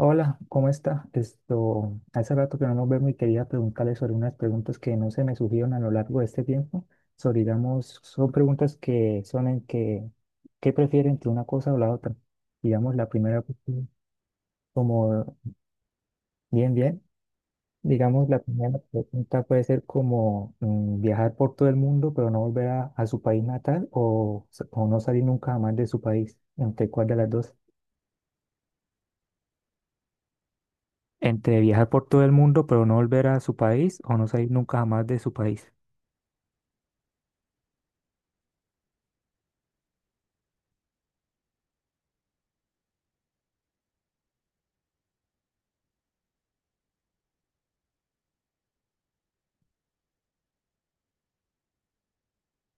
Hola, ¿cómo está? Esto, hace rato que no nos vemos y quería preguntarle sobre unas preguntas que no se me surgieron a lo largo de este tiempo. Sobre, digamos, son preguntas que son en que, ¿qué prefieren entre una cosa o la otra? Digamos, la primera, pues, sí, como, bien, bien. Digamos, la primera pregunta puede ser como viajar por todo el mundo, pero no volver a su país natal o no salir nunca jamás de su país. ¿Entre cuál de las dos? Entre viajar por todo el mundo pero no volver a su país o no salir nunca jamás de su país.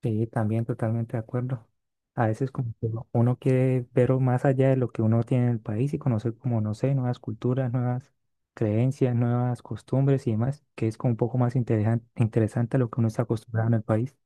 Sí, también totalmente de acuerdo. A veces como que uno quiere ver o más allá de lo que uno tiene en el país y conocer como, no sé, nuevas culturas, nuevas creencias, nuevas costumbres y demás, que es como un poco más interesante a lo que uno está acostumbrado en el país.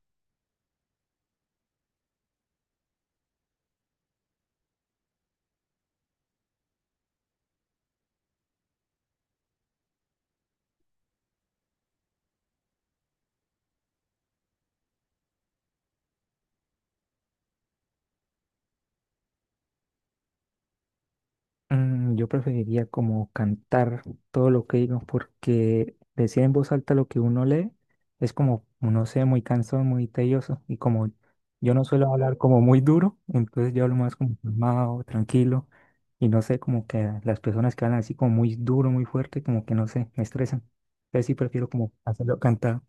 Yo preferiría como cantar todo lo que digo, porque decir en voz alta lo que uno lee es como, no sé, muy cansón, muy tedioso. Y como yo no suelo hablar como muy duro, entonces yo hablo más como calmado, tranquilo. Y no sé, como que las personas que hablan así como muy duro, muy fuerte, como que no sé, me estresan. Entonces sí prefiero como hacerlo cantado.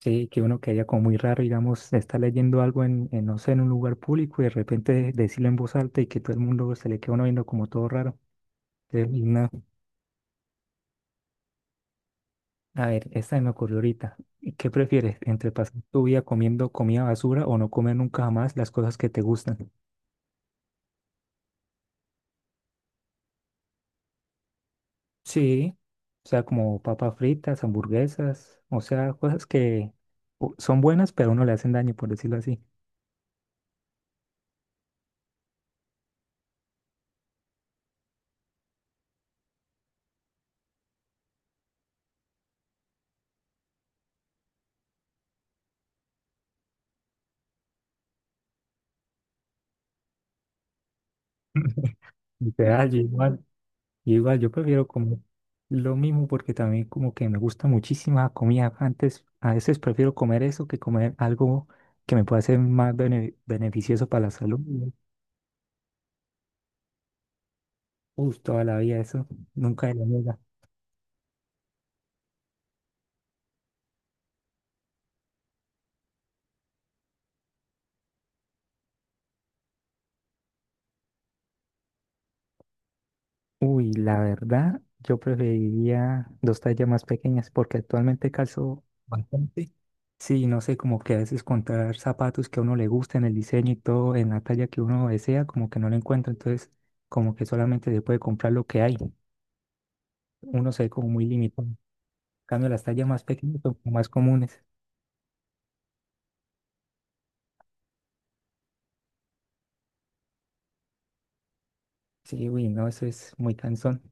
Sí, que uno que haya como muy raro, digamos, está leyendo algo en, no sé, en un lugar público y de repente decirlo en voz alta y que todo el mundo se le queda uno viendo como todo raro. Qué linda. A ver, esta se me ocurrió ahorita. ¿Y qué prefieres? ¿Entre pasar tu vida comiendo comida basura o no comer nunca jamás las cosas que te gustan? Sí, o sea, como papas fritas, hamburguesas, o sea, cosas que son buenas, pero a uno le hacen daño, por decirlo así. Literal, yo igual, yo prefiero comer lo mismo porque también como que me gusta muchísima comida. Antes, a veces prefiero comer eso que comer algo que me pueda ser más beneficioso para la salud. Uy, toda la vida eso, nunca de la niega. Uy, la verdad, yo preferiría dos tallas más pequeñas porque actualmente calzo bastante. Sí, no sé, como que a veces encontrar zapatos que a uno le gusten, el diseño y todo, en la talla que uno desea, como que no lo encuentra, entonces como que solamente se puede comprar lo que hay. Uno se ve como muy limitado. En cambio, las tallas más pequeñas son como más comunes. Sí, uy, no, eso es muy cansón.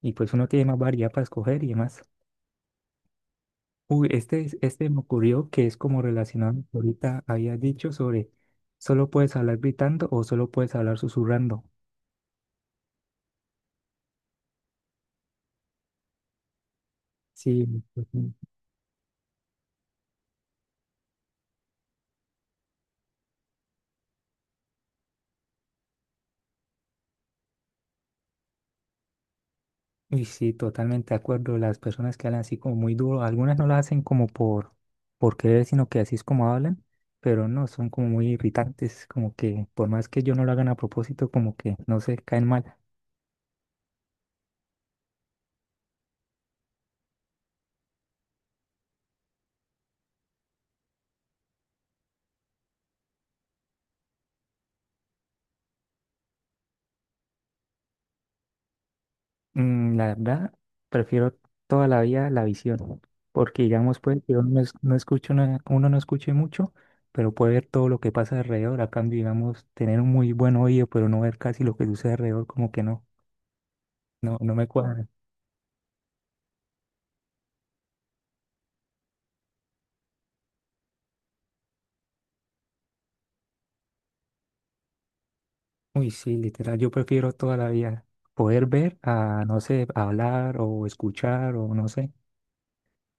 Y pues uno tiene más variedad para escoger y demás. Uy, este, este me ocurrió que es como relacionado a lo que ahorita había dicho sobre solo puedes hablar gritando o solo puedes hablar susurrando. Sí, ujú. Y sí, totalmente de acuerdo. Las personas que hablan así como muy duro, algunas no lo hacen como por querer, sino que así es como hablan, pero no, son como muy irritantes, como que por más que yo no lo hagan a propósito, como que no se caen mal. La verdad, prefiero toda la vida la visión, porque digamos, pues, yo no, no escucho uno no escuche mucho, pero puede ver todo lo que pasa alrededor. A cambio, digamos, tener un muy buen oído, pero no ver casi lo que sucede alrededor, como que no, no, no me cuadra. Uy, sí, literal, yo prefiero toda la vida poder ver a, no sé, hablar o escuchar o no sé.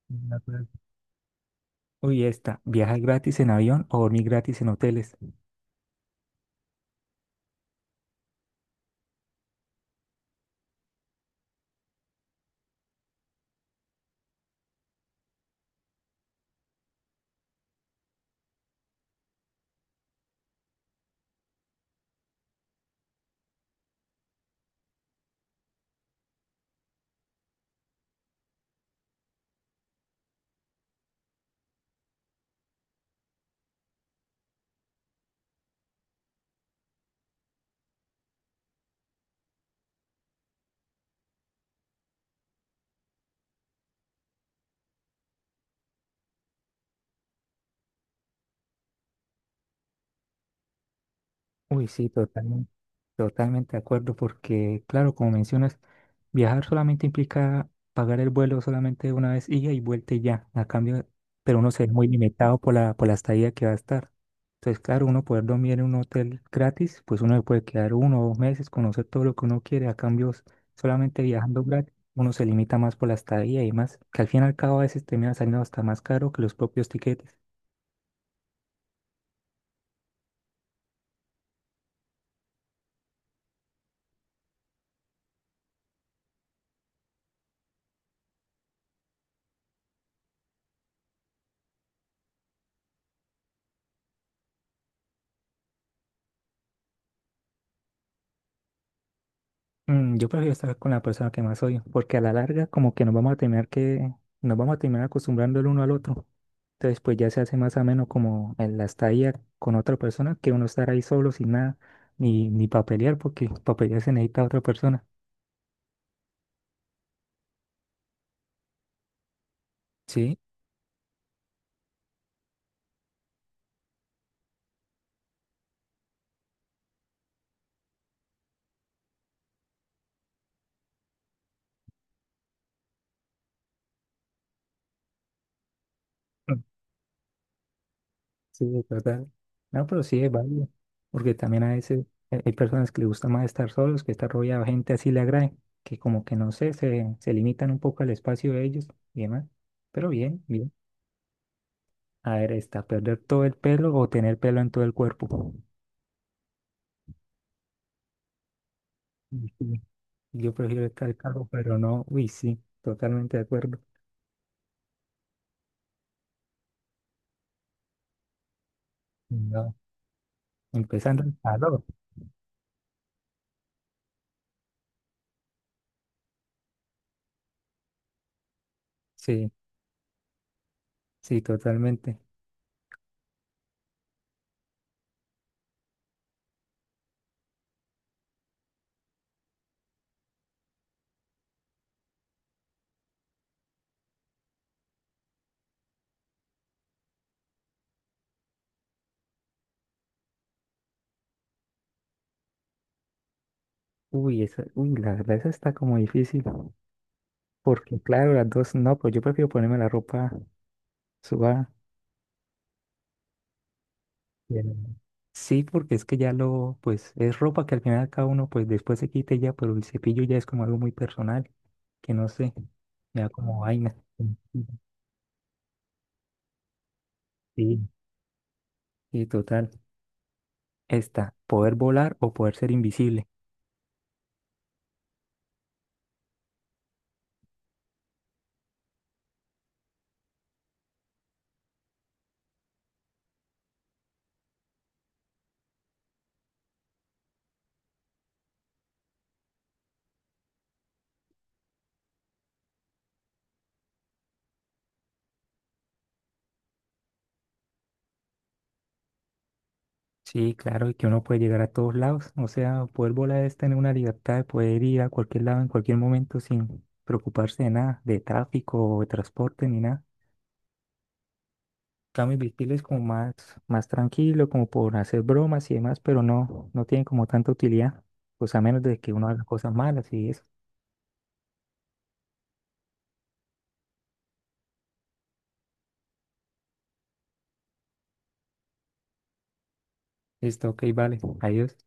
De acuerdo. Uy, esta, viajar gratis en avión o dormir gratis en hoteles. Uy, sí, total. Totalmente de acuerdo, porque claro, como mencionas, viajar solamente implica pagar el vuelo solamente una vez ida y vuelta y ya. A cambio, pero uno se ve muy limitado por la estadía que va a estar. Entonces, claro, uno poder dormir en un hotel gratis, pues uno se puede quedar uno o dos meses, conocer todo lo que uno quiere. A cambio, solamente viajando gratis, uno se limita más por la estadía y más, que al fin y al cabo a veces termina saliendo hasta más caro que los propios tiquetes. Yo prefiero estar con la persona que más odio, porque a la larga como que nos vamos a terminar que nos vamos a terminar acostumbrando el uno al otro. Entonces pues ya se hace más ameno como en la estadía con otra persona que uno estar ahí solo sin nada, ni para pelear, porque para pelear se necesita otra persona. Sí, mm, sí, es verdad. No, pero sí es válido, porque también a veces hay personas que les gusta más estar solos, que estar rodeado de gente así le agrade, que como que no sé, se limitan un poco al espacio de ellos y demás. Pero bien, bien. A ver, está, perder todo el pelo o tener pelo en todo el cuerpo. Uy, sí, yo prefiero estar calvo, pero no, uy, sí, totalmente de acuerdo. No. Empezando el calor. Sí, sí, totalmente. Uy, esa, uy, la verdad, esa está como difícil. Porque, claro, las dos, no, pues yo prefiero ponerme la ropa sudada. Pero- Sí, porque es que ya lo, pues, es ropa que al final cada uno, pues, después se quite ya, pero el cepillo ya es como algo muy personal, que no sé, me da como vaina. Sí, y total, está, poder volar o poder ser invisible. Sí, claro, y que uno puede llegar a todos lados. O sea, poder volar es tener una libertad de poder ir a cualquier lado en cualquier momento sin preocuparse de nada, de tráfico o de transporte ni nada. Cambio invisible es como más tranquilo, como por hacer bromas y demás, pero no, no tiene como tanta utilidad, pues a menos de que uno haga cosas malas y eso. Listo, ok, vale, adiós.